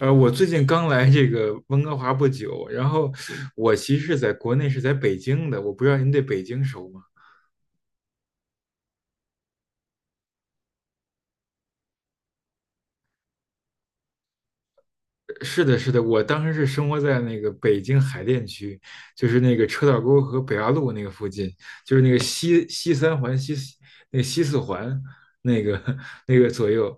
我最近刚来这个温哥华不久，然后我其实是在国内是在北京的，我不知道您对北京熟吗？是的，是的，我当时是生活在那个北京海淀区，就是那个车道沟和北八路那个附近，就是那个西三环西四环那个 那个左右。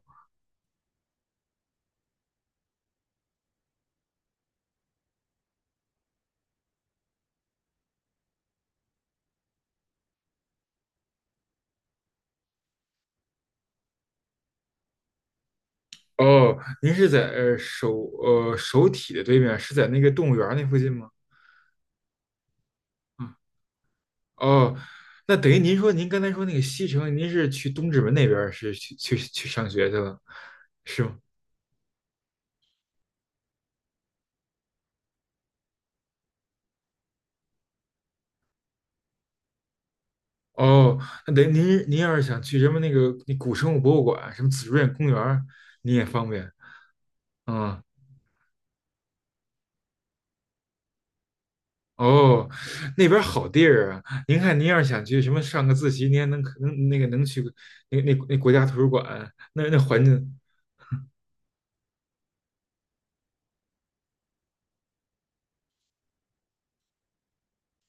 哦，您是在首体的对面，是在那个动物园那附近吗？嗯哦，那等于您说您刚才说那个西城，您是去东直门那边儿是去上学去了，是吗？哦，那等于您要是想去什么那个那古生物博物馆、什么紫竹院公园儿，您也方便。嗯，哦，那边儿好地儿啊！您看，您要是想去什么上个自习，您还能去那那那国家图书馆，那那环境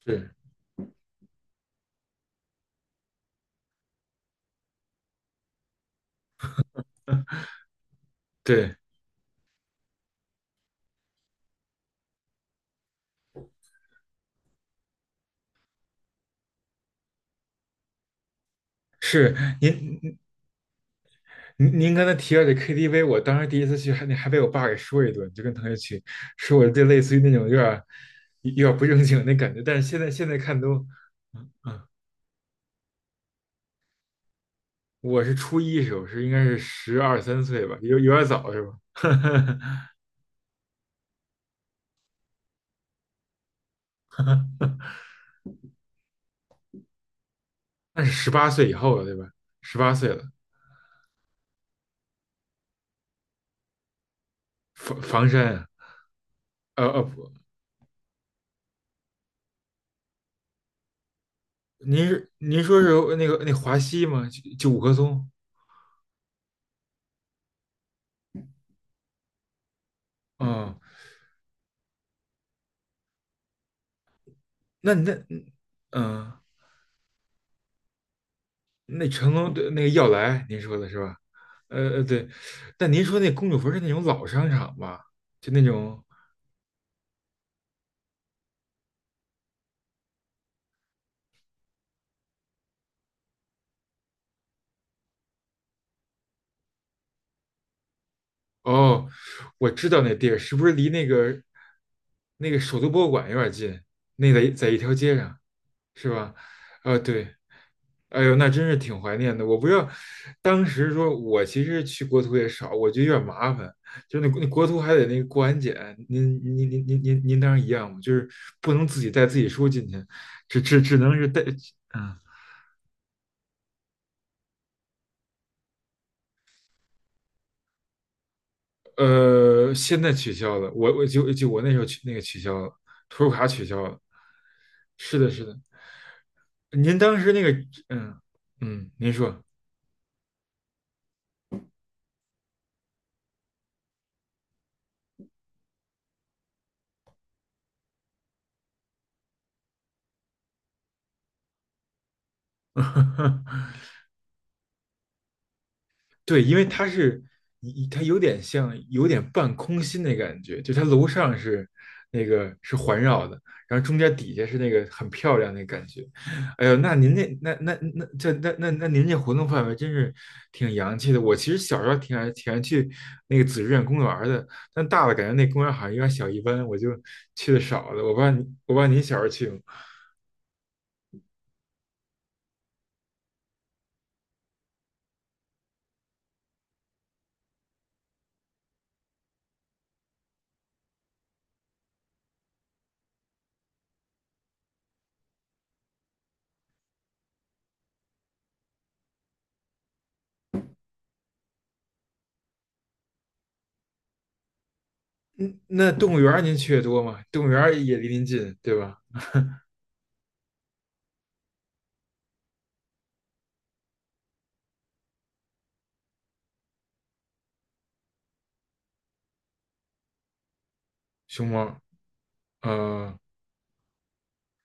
对对，是您。您刚才提到这 KTV，我当时第一次去还被我爸给说一顿，就跟同学去，说我这类似于那种有点儿不正经那感觉。但是现在看都，嗯我是初一时候是应该是十二三岁吧，有点早是吧？那是十八岁以后了对吧？十八岁了，房山啊，不，您说是那个那华西吗？就五棵松，嗯，那嗯。那成龙的那个耀莱，您说的是吧？对，但您说那公主坟是那种老商场吧？就那种哦，我知道那地儿是不是离那个首都博物馆有点近？那在一条街上，是吧？啊，对，哎呦，那真是挺怀念的。我不知道，当时说我其实去国图也少，我觉得有点麻烦，就是那国图还得那个过安检。您当时一样吗？就是不能自己带自己书进去，只能是带，嗯现在取消了。我就我那时候取那个取消了，图书卡取消了。是的，是的。您当时那个，嗯嗯，您说。对，因为它是，它有点像，有点半空心的感觉，就它楼上是环绕的，然后中间底下是那个很漂亮那感觉。哎呦，那您那这那那那您这活动范围真是挺洋气的。我其实小时候挺爱去那个紫竹院公园儿的，但大了感觉那公园好像有点小一般，我就去的少了。我不知道您小时候去吗？嗯，那动物园儿您去的多吗？动物园儿也离您近，对吧？熊猫，嗯、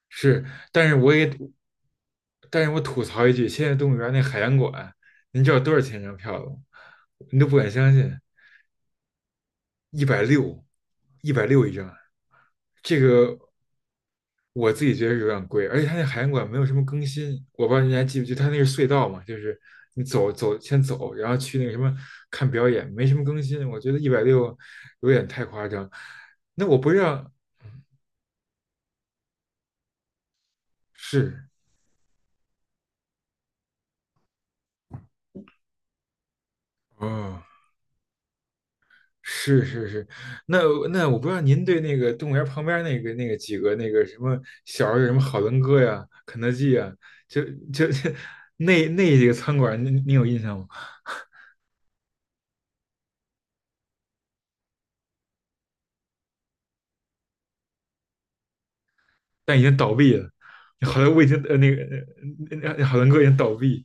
是，但是我也，但是我吐槽一句，现在动物园那海洋馆，您知道多少钱一张票吗？你都不敢相信，一百六，一百六一张，这个我自己觉得是有点贵，而且它那海洋馆没有什么更新，我不知道你还记不记得，它那个隧道嘛，就是你走走先走，然后去那个什么看表演，没什么更新，我觉得一百六有点太夸张。那我不让，是，哦。是是是，那那我不知道您对那个动物园旁边那个那个几个那个什么小时候有什么好伦哥呀、肯德基呀，就就 那几个餐馆，您有印象吗？但已经倒闭了，好像我已经好伦哥已经倒闭。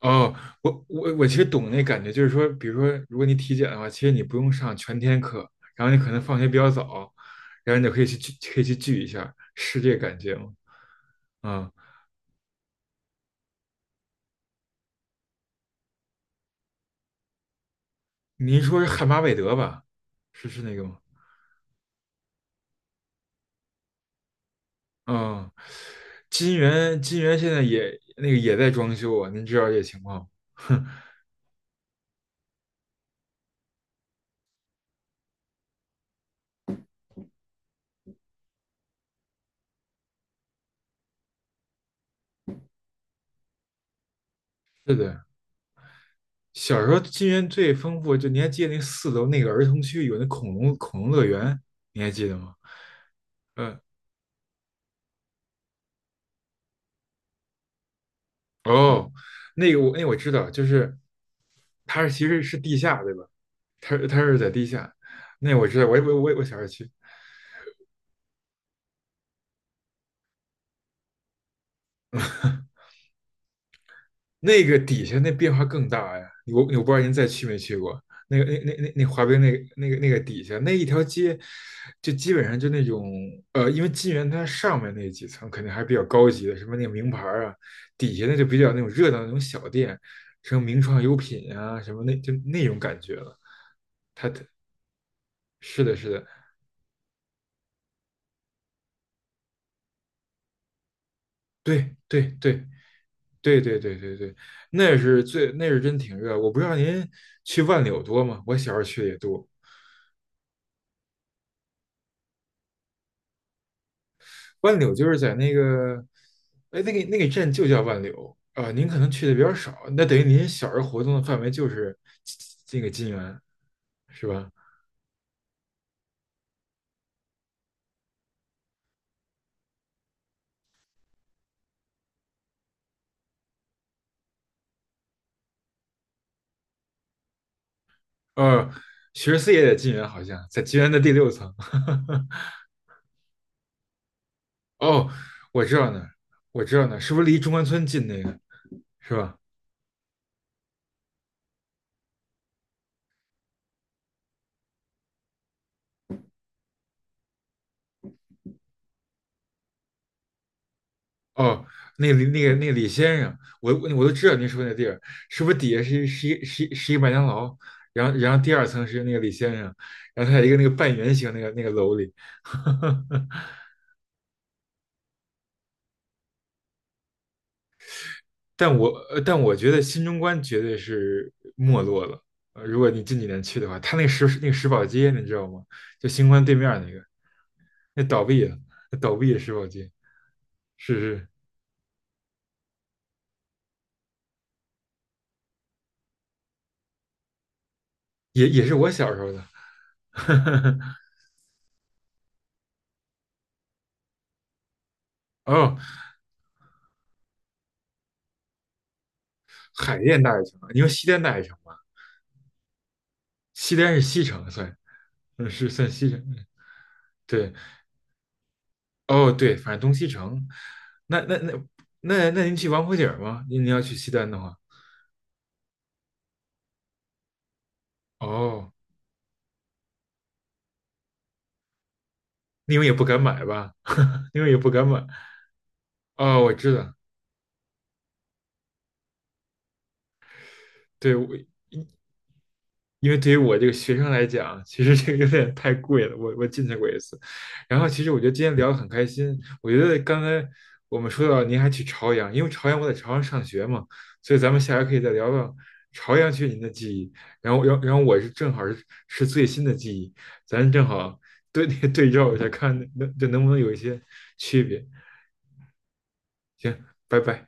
哦，我其实懂那感觉，就是说，比如说如果你体检的话，其实你不用上全天课，然后你可能放学比较早，然后你就可以去聚一下，是这个感觉吗？啊您说是汉巴韦德吧？是是那个吗？嗯，金源现在也那个也在装修啊，您知道这情况？哼，是的，小时候金源最丰富，就你还记得那4楼那个儿童区有那恐龙乐园，你还记得吗？嗯，哦，那个我知道，就是它是其实是地下对吧？它是在地下，那我知道，我小时候去，那个底下那变化更大呀！我不知道您再去没去过那个那那那那滑冰那个底下那一条街，就基本上就那种因为金源它上面那几层肯定还是比较高级的，什么那个名牌儿啊，底下那就比较那种热闹的那种小店，什么名创优品啊，什么那就那种感觉了。它是的，是的，对对对对对对对对，那是真挺热。我不知道您去万柳多吗？我小时候去的也多。万柳就是在那个，哎，那个镇就叫万柳啊、您可能去的比较少，那等于您小时候活动的范围就是这个金源，是吧？呃，学士也在金源，好像在金源的第6层。哦，我知道那儿我知道那儿是不是离中关村近那个，是吧？哦，那个李那个那个李先生，我都知道您说那地儿，是不是底下是一是一是一是一麦当劳，然后第2层是那个李先生，然后他在一个那个半圆形那个那个楼里，但我觉得新中关绝对是没落了，如果你近几年去的话，他那个石宝街你知道吗？就新关对面儿那个，那倒闭了，那倒闭的石宝街，是是也是我小时候的，哦，海淀大学城，你说西单大学城吧？西单是西城算，嗯，是算西城。对，哦，对，反正东西城。那那那那那您去王府井儿吗？您要去西单的话，哦，你们也不敢买吧？你们也不敢买。哦，我知道，对，因为对于我这个学生来讲，其实这个有点太贵了。我进去过一次，然后其实我觉得今天聊得很开心。我觉得刚才我们说到您还去朝阳，因为朝阳我在朝阳上学嘛，所以咱们下回可以再聊聊朝阳区您的记忆。然后我是正好是最新的记忆，咱正好对 对照一下，看能不能有一些区别。行，拜拜。